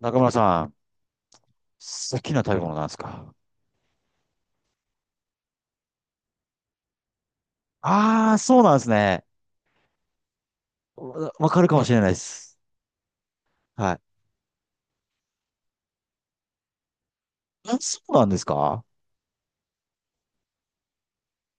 中村さん、好きな食べ物なんですか？ああー、そうなんですね。わわかるかもしれないです。はい。あ、そうなんですか？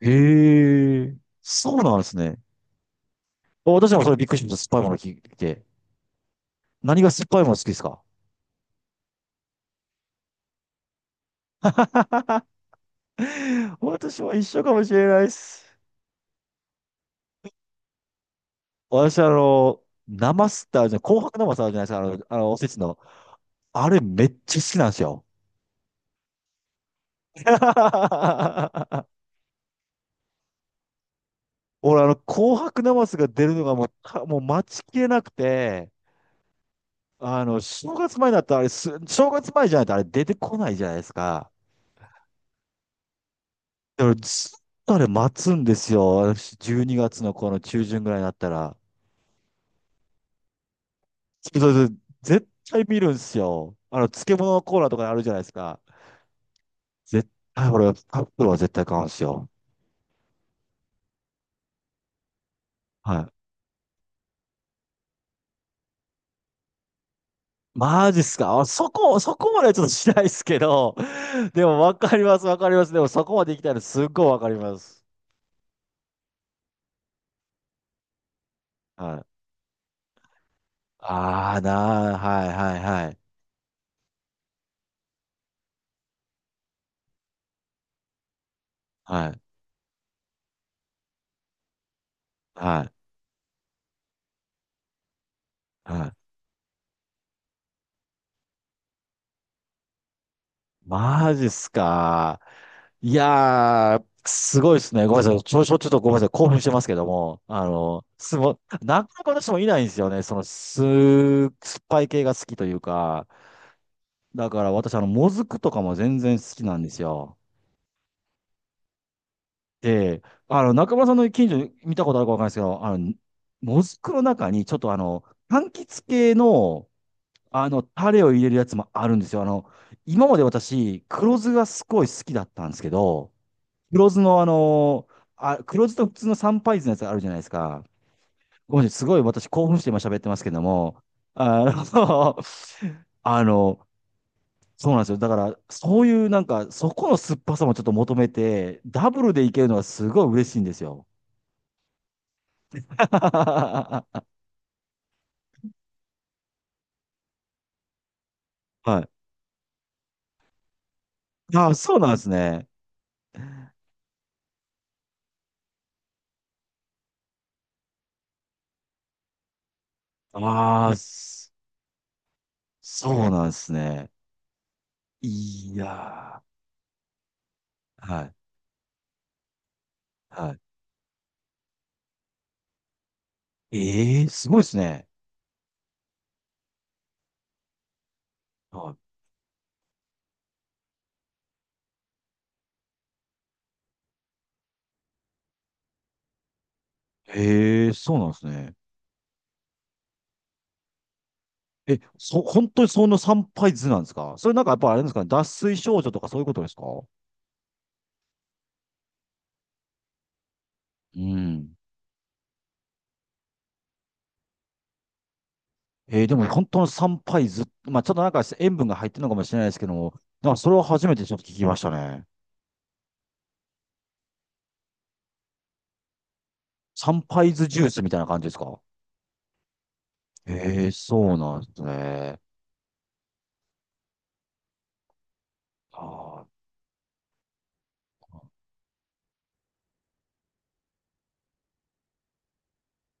へえ、そうなんですね。私もそれびっくりしました。酸っぱいもの聞いて。何が酸っぱいもの好きですか？ 私も一緒かもしれないです。私、生スってあるじゃん、紅白生スあるじゃないですか。あのおせちの。あれめっちゃ好きなんですよ。俺、あの、紅白ナマスが出るのがもう、もう待ちきれなくて、あの、正月前だったらあれす、正月前じゃないとあれ出てこないじゃないですか。だからずっとあれ待つんですよ。私、12月のこの中旬ぐらいになったら。そうそうそう。絶対見るんですよ。あの、漬物のコーナーとかあるじゃないですか。絶対、俺、カップルは絶対買うんですよ。はい。マジっすか。あ、そこまではちょっとしないですけど、でもわかります、わかります。でもそこまで行きたいのすっごいわかります。はい。ああ、なあ、はいはいはい。はい、はい、はい。マジっすか。いやー、すごいですね。ごめんなさい。ちょっとごめんなさい。興奮してますけども、なかなか私もいないんですよね。酸っぱい系が好きというか。だから私、あの、もずくとかも全然好きなんですよ。で、あの、中村さんの近所に見たことあるかわかんないですけど、あの、もずくの中に、ちょっとあの、柑橘系の、あの、タレを入れるやつもあるんですよ。あの、今まで私、黒酢がすごい好きだったんですけど、黒酢のあの、黒酢と普通の三杯酢のやつあるじゃないですか。ごめんなさい、すごい私興奮して今喋ってますけども、あの、あの、そうなんですよ。だから、そういうなんか、そこの酸っぱさもちょっと求めて、ダブルでいけるのはすごい嬉しいんですよ。はい。あ、そうなんですね。ああ、そそうなんですね。いやー。はい。はい。ええすごいですね。はい。ええそうなんですね。え、本当にその参拝図なんですか？それなんかやっぱあれですかね、脱水症状とかそういうことですか？うん。えー、でも本当の参拝図、まあちょっとなんか塩分が入ってるのかもしれないですけども、なんかそれは初めてちょっと聞きましたね。参拝図ジュースみたいな感じですか？ええそうなんですね。あー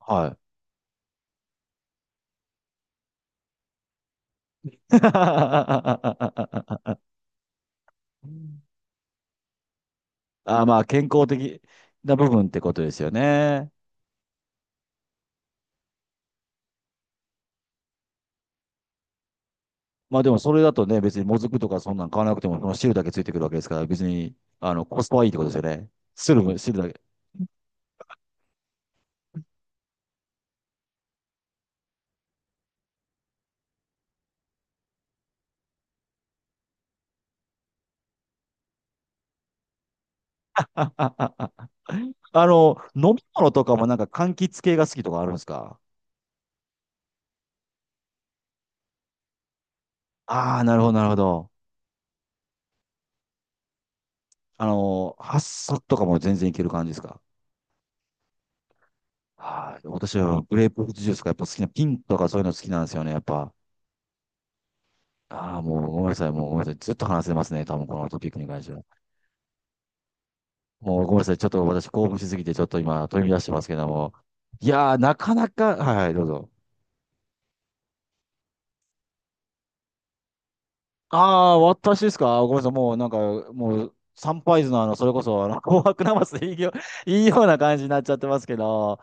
はい。あー、まあ健康的な部分ってことですよね。まあでもそれだとね、別にもずくとかそんなん買わなくても、この汁だけついてくるわけですから、別に、あの、コスパはいいってことですよね。汁だけ。あ、あ、あ、あ。あの、飲み物とかもなんか柑橘系が好きとかあるんですか？ああー、なるほど、なるほど。あの、ハッサとかも全然いける感じですか？はい。私はグレープフルーツジュースがやっぱ好きな、ピンとかそういうの好きなんですよね、やっぱ。ああ、もうごめんなさい、もうごめんなさい。ずっと話せますね、多分このトピックに関しては。もうごめんなさい。ちょっと私興奮しすぎて、ちょっと今、飛び出してますけども。いやー、なかなか、はいはい、どうぞ。ああ、私ですか？ごめんなさい。もうなんか、もう、サンパイズのあの、それこそ、あの、紅白なますでいいよ、いいような感じになっちゃってますけど。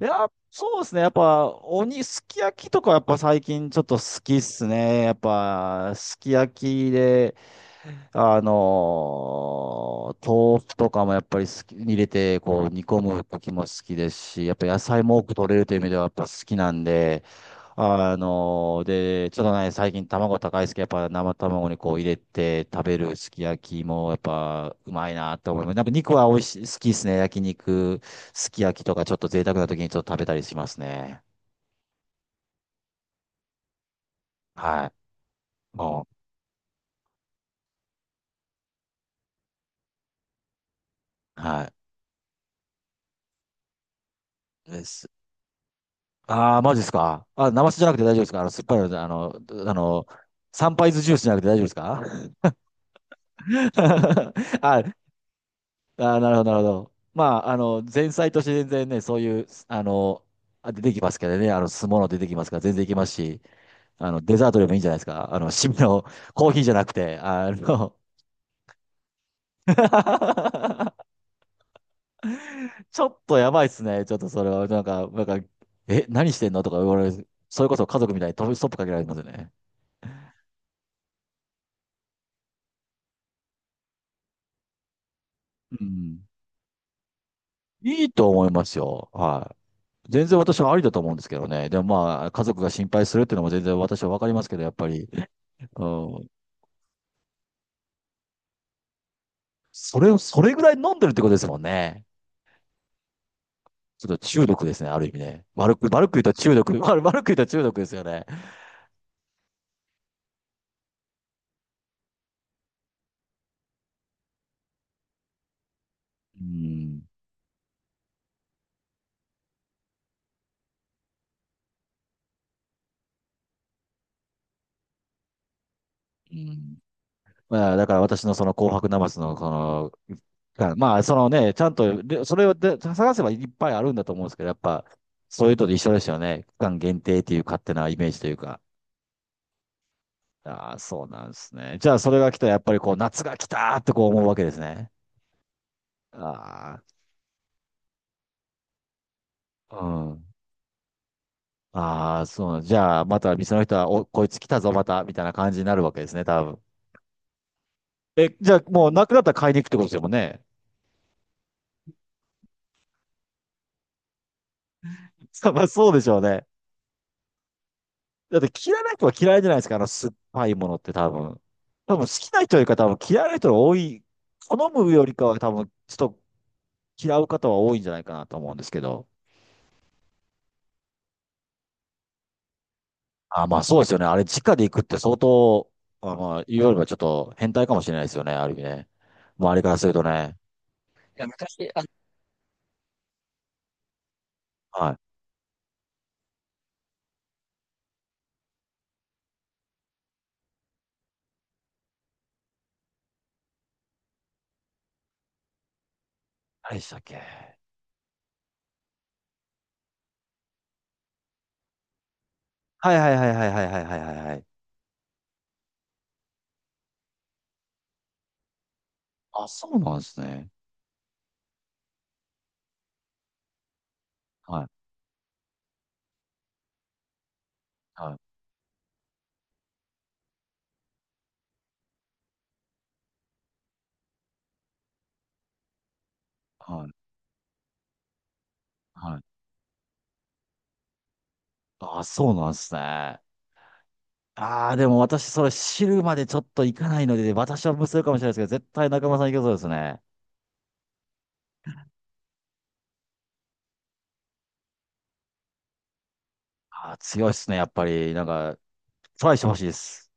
いや、そうですね。やっぱ、すき焼きとか、やっぱ最近ちょっと好きっすね。やっぱ、すき焼きで、あのー豆腐とかもやっぱり好き、入れて、こう、煮込む時も好きですし、やっぱ野菜も多く取れるという意味ではやっぱ好きなんで、あのーで、ちょっとね、最近卵高いですけど、やっぱ生卵にこう入れて食べるすき焼きもやっぱうまいなと思います。なんか肉は美味しい、好きですね。焼肉、すき焼きとかちょっと贅沢な時にちょっと食べたりしますね。はい。もう、はい。です。ああ、マジですか。あ、生酒じゃなくて大丈夫ですか。あの、酸っぱいので、あの、サンパイズジュースじゃなくて大丈夫ですか。あ、なるほど、なるほど。まあ、あの、前菜として全然ね、そういう、あの、あ出てきますけどね、あの、酢物出てきますから、全然いけますし、あの、デザートでもいいんじゃないですか。あの、締めのコーヒーじゃなくて、あの、ちょっとやばいっすね。ちょっとそれは、え、何してんのとか言われる。それこそ家族みたいに飛びストップかけられますよね。うん。いいと思いますよ。はい。全然私はありだと思うんですけどね。でもまあ、家族が心配するっていうのも全然私はわかりますけど、やっぱり、うん。それぐらい飲んでるってことですもんね。ちょっと中毒ですね、ある意味ね。悪く言うと中毒、悪く言うと中毒ですよね。うん。うん。まあ、だから私のその紅白ナマスの、その、がまあ、そのね、ちゃんと、でそれをで探せばいっぱいあるんだと思うんですけど、やっぱ、そういうのと一緒ですよね。期間限定っていう勝手なイメージというか。ああ、そうなんですね。じゃあ、それが来たら、やっぱりこう、夏が来たーってこう思うわけですね。ああ、うん。ああ、そうじゃあ、また店の人は、お、こいつ来たぞ、また、みたいな感じになるわけですね、多分。え、じゃあ、もうなくなったら買いに行くってことですもんね。まあ、そうでしょうね。だって、嫌いな人は嫌いじゃないですか、あの酸っぱいものって多分。多分、好きな人よりか多分嫌いな人が多い。好むよりかは多分、ちょっと嫌う方は多いんじゃないかなと思うんですけど。あ、まあそうですよね。あれ、直で行くって相当、あ、まあ、言うよりはちょっと変態かもしれないですよね。ある意味ね。周りからするとね。いやはい。何でしたっけ。はいはいはいはいはいはいはいはいはい。あ、そうなんですね。はいはいはいはい。あ、そうなんですね。ああ、でも私、それ知るまでちょっと行かないので、私は無数かもしれないですけど、絶対中村さん行けそうですね。あー、強いですね、やっぱり。なんか、トライしてほしいです。